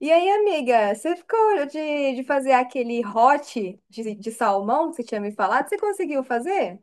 E aí, amiga, você ficou de fazer aquele hot de salmão que você tinha me falado? Você conseguiu fazer?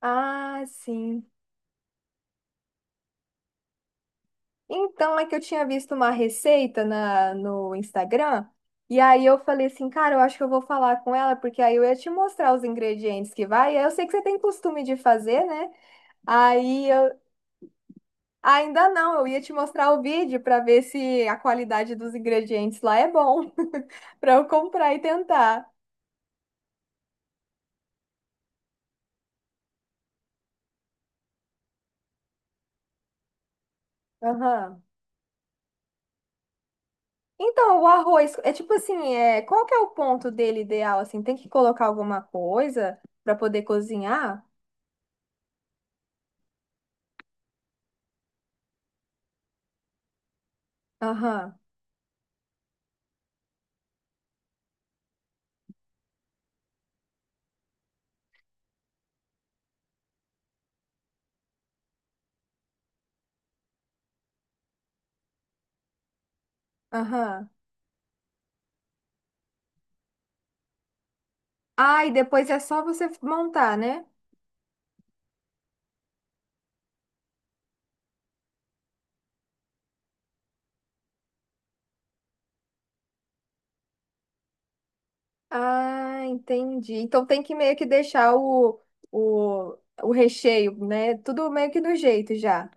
Ah, sim. Então, é que eu tinha visto uma receita no Instagram, e aí eu falei assim, cara, eu acho que eu vou falar com ela, porque aí eu ia te mostrar os ingredientes que vai, e aí eu sei que você tem costume de fazer, né? Aí eu ainda não, eu ia te mostrar o vídeo para ver se a qualidade dos ingredientes lá é bom, para eu comprar e tentar. Aham. Então, o arroz, é tipo assim, é, qual que é o ponto dele ideal, assim? Tem que colocar alguma coisa para poder cozinhar? Aham, aham. Ah, e depois é só você montar, né? Ah, entendi. Então tem que meio que deixar o, o recheio, né? Tudo meio que do jeito já.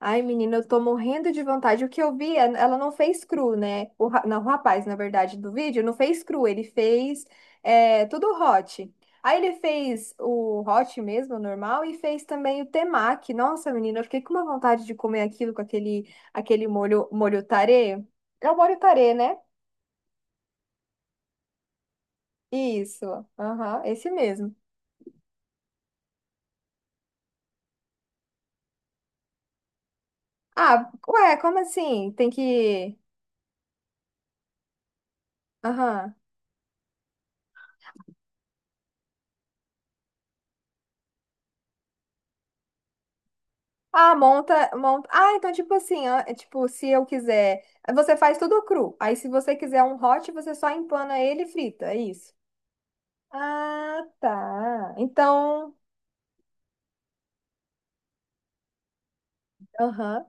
Ai, menina, eu tô morrendo de vontade. O que eu vi, é- ela não fez cru, né? O, ra- não, o rapaz, na verdade, do vídeo, não fez cru, ele fez é, tudo hot. Aí ele fez o hot mesmo, o normal, e fez também o temaki. Nossa, menina, eu fiquei com uma vontade de comer aquilo com aquele, aquele molho, molho tarê. É o molho tarê, né? Isso, aham, esse mesmo. Ah, ué, como assim? Tem que... Aham. Ah, monta, monta. Ah, então tipo assim, ah, é tipo, se eu quiser, você faz tudo cru. Aí se você quiser um hot, você só empana ele e frita, é isso. Ah, tá. Então, aham.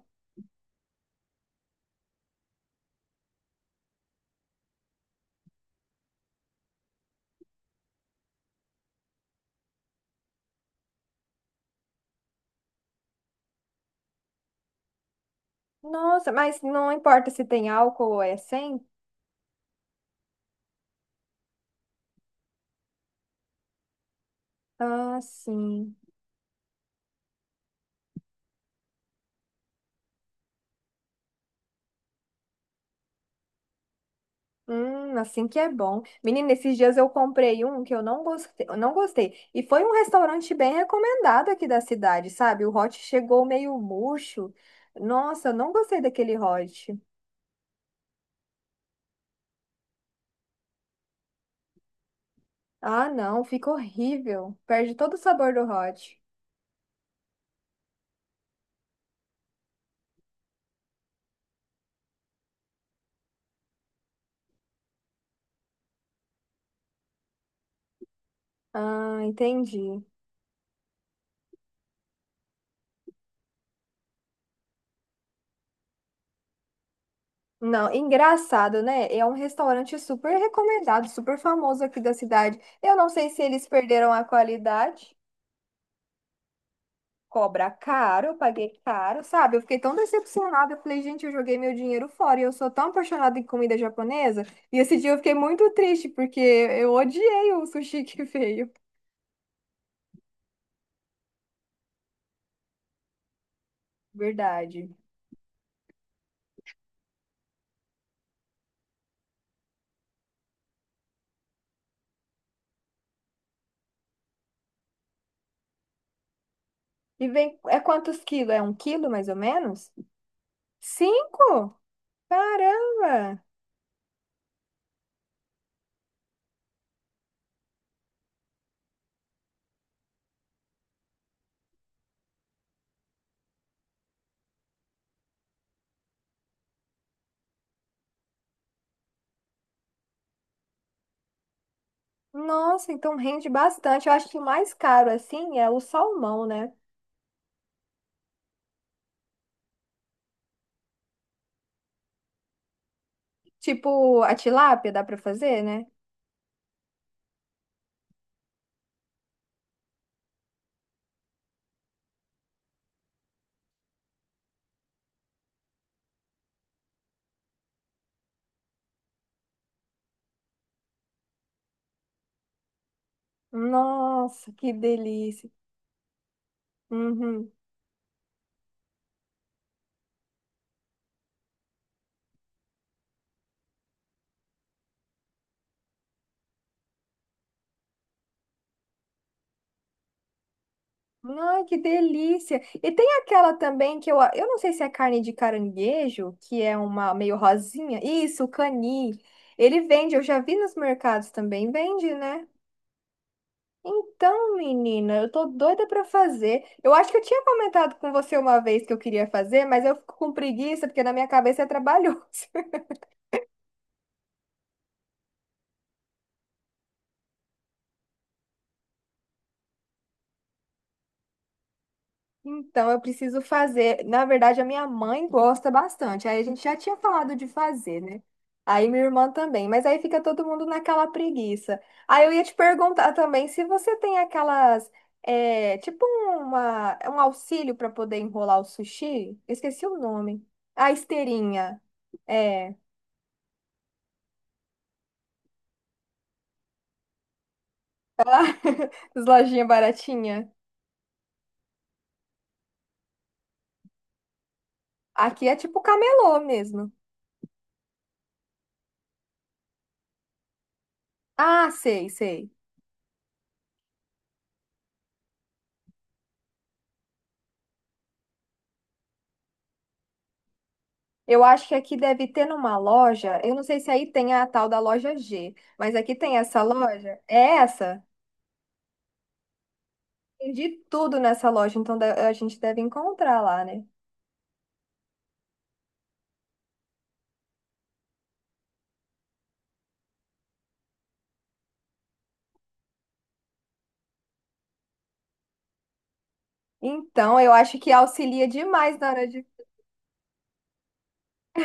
Nossa, mas não importa se tem álcool ou é sem? Ah, sim. Assim que é bom. Menina, esses dias eu comprei um que eu não gostei, eu não gostei. E foi um restaurante bem recomendado aqui da cidade, sabe? O hot chegou meio murcho. Nossa, eu não gostei daquele hot. Ah, não, fica horrível. Perde todo o sabor do hot. Ah, entendi. Não, engraçado, né? É um restaurante super recomendado, super famoso aqui da cidade. Eu não sei se eles perderam a qualidade. Cobra caro, eu paguei caro, sabe? Eu fiquei tão decepcionada. Eu falei, gente, eu joguei meu dinheiro fora e eu sou tão apaixonada em comida japonesa. E esse dia eu fiquei muito triste porque eu odiei o sushi que veio. Verdade. E vem, é quantos quilos? É um quilo mais ou menos? Cinco? Caramba! Nossa, então rende bastante. Eu acho que o mais caro assim é o salmão, né? Tipo, a tilápia dá pra fazer, né? Nossa, que delícia. Uhum. Ai, que delícia. E tem aquela também que eu não sei se é carne de caranguejo, que é uma meio rosinha. Isso, o cani. Ele vende, eu já vi nos mercados também, vende, né? Então, menina, eu tô doida pra fazer. Eu acho que eu tinha comentado com você uma vez que eu queria fazer, mas eu fico com preguiça porque na minha cabeça é trabalhoso. Então, eu preciso fazer. Na verdade, a minha mãe gosta bastante. Aí a gente já tinha falado de fazer, né? Aí minha irmã também. Mas aí fica todo mundo naquela preguiça. Aí eu ia te perguntar também se você tem aquelas. É, tipo uma, um auxílio para poder enrolar o sushi. Eu esqueci o nome. A esteirinha. É. As lojinhas baratinhas. Aqui é tipo camelô mesmo. Ah, sei, sei. Eu acho que aqui deve ter numa loja. Eu não sei se aí tem a tal da loja G, mas aqui tem essa loja. É essa? Tem de tudo nessa loja, então de- a gente deve encontrar lá, né? Então, eu acho que auxilia demais na hora de.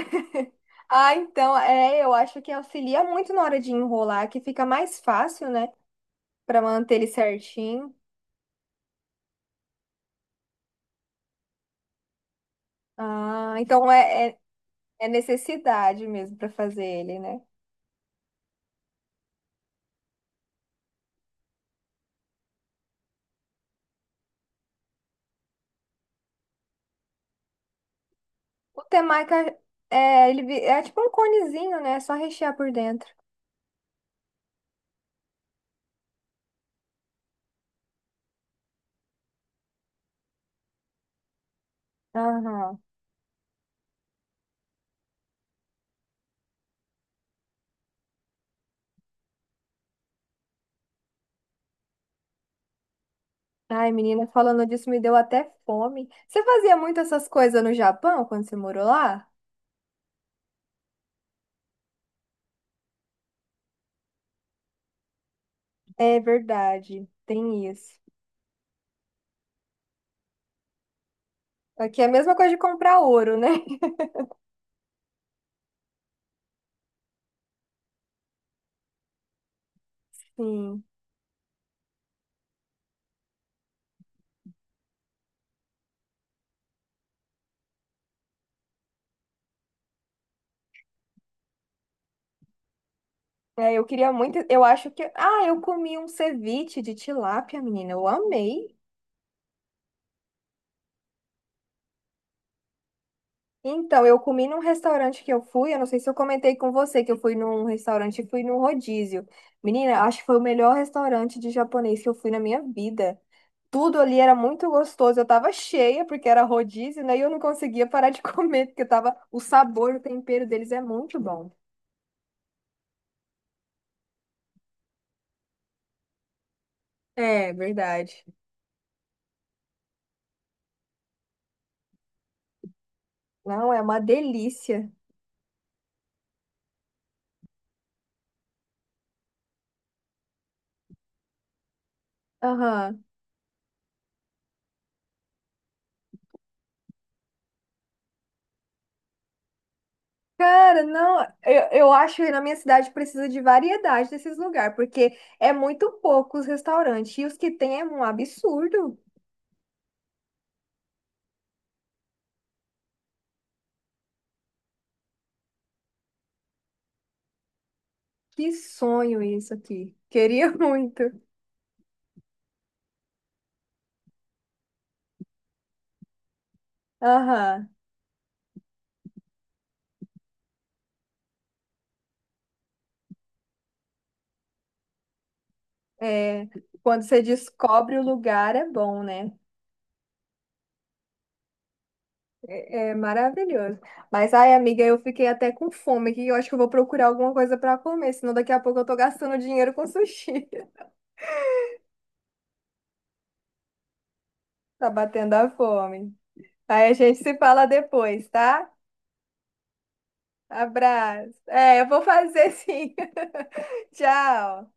Ah, então, é, eu acho que auxilia muito na hora de enrolar, que fica mais fácil, né? Pra manter ele certinho. Ah, então é, é é necessidade mesmo pra fazer ele, né? O temaki é, ele vi- é tipo um conezinho, né? É só rechear por dentro. Aham. Ai, menina, falando disso me deu até fome. Você fazia muito essas coisas no Japão quando você morou lá? É verdade, tem isso. Aqui é a mesma coisa de comprar ouro, né? Sim. É, eu queria muito. Eu acho que. Ah, eu comi um ceviche de tilápia, menina. Eu amei. Então, eu comi num restaurante que eu fui, eu não sei se eu comentei com você que eu fui num restaurante fui num rodízio. Menina, acho que foi o melhor restaurante de japonês que eu fui na minha vida. Tudo ali era muito gostoso. Eu tava cheia porque era rodízio, né? E eu não conseguia parar de comer porque tava o sabor, o tempero deles é muito bom. É, verdade. Não, é uma delícia. Aham. Cara, não, eu acho que na minha cidade precisa de variedade desses lugares, porque é muito pouco os restaurantes, e os que tem é um absurdo. Que sonho isso aqui. Queria muito. Aham. É, quando você descobre o lugar, é bom, né? É, é maravilhoso. Mas, ai, amiga, eu fiquei até com fome aqui. Eu acho que eu vou procurar alguma coisa para comer, senão daqui a pouco eu tô gastando dinheiro com sushi. Tá batendo a fome. Aí a gente se fala depois, tá? Abraço. É, eu vou fazer sim. Tchau.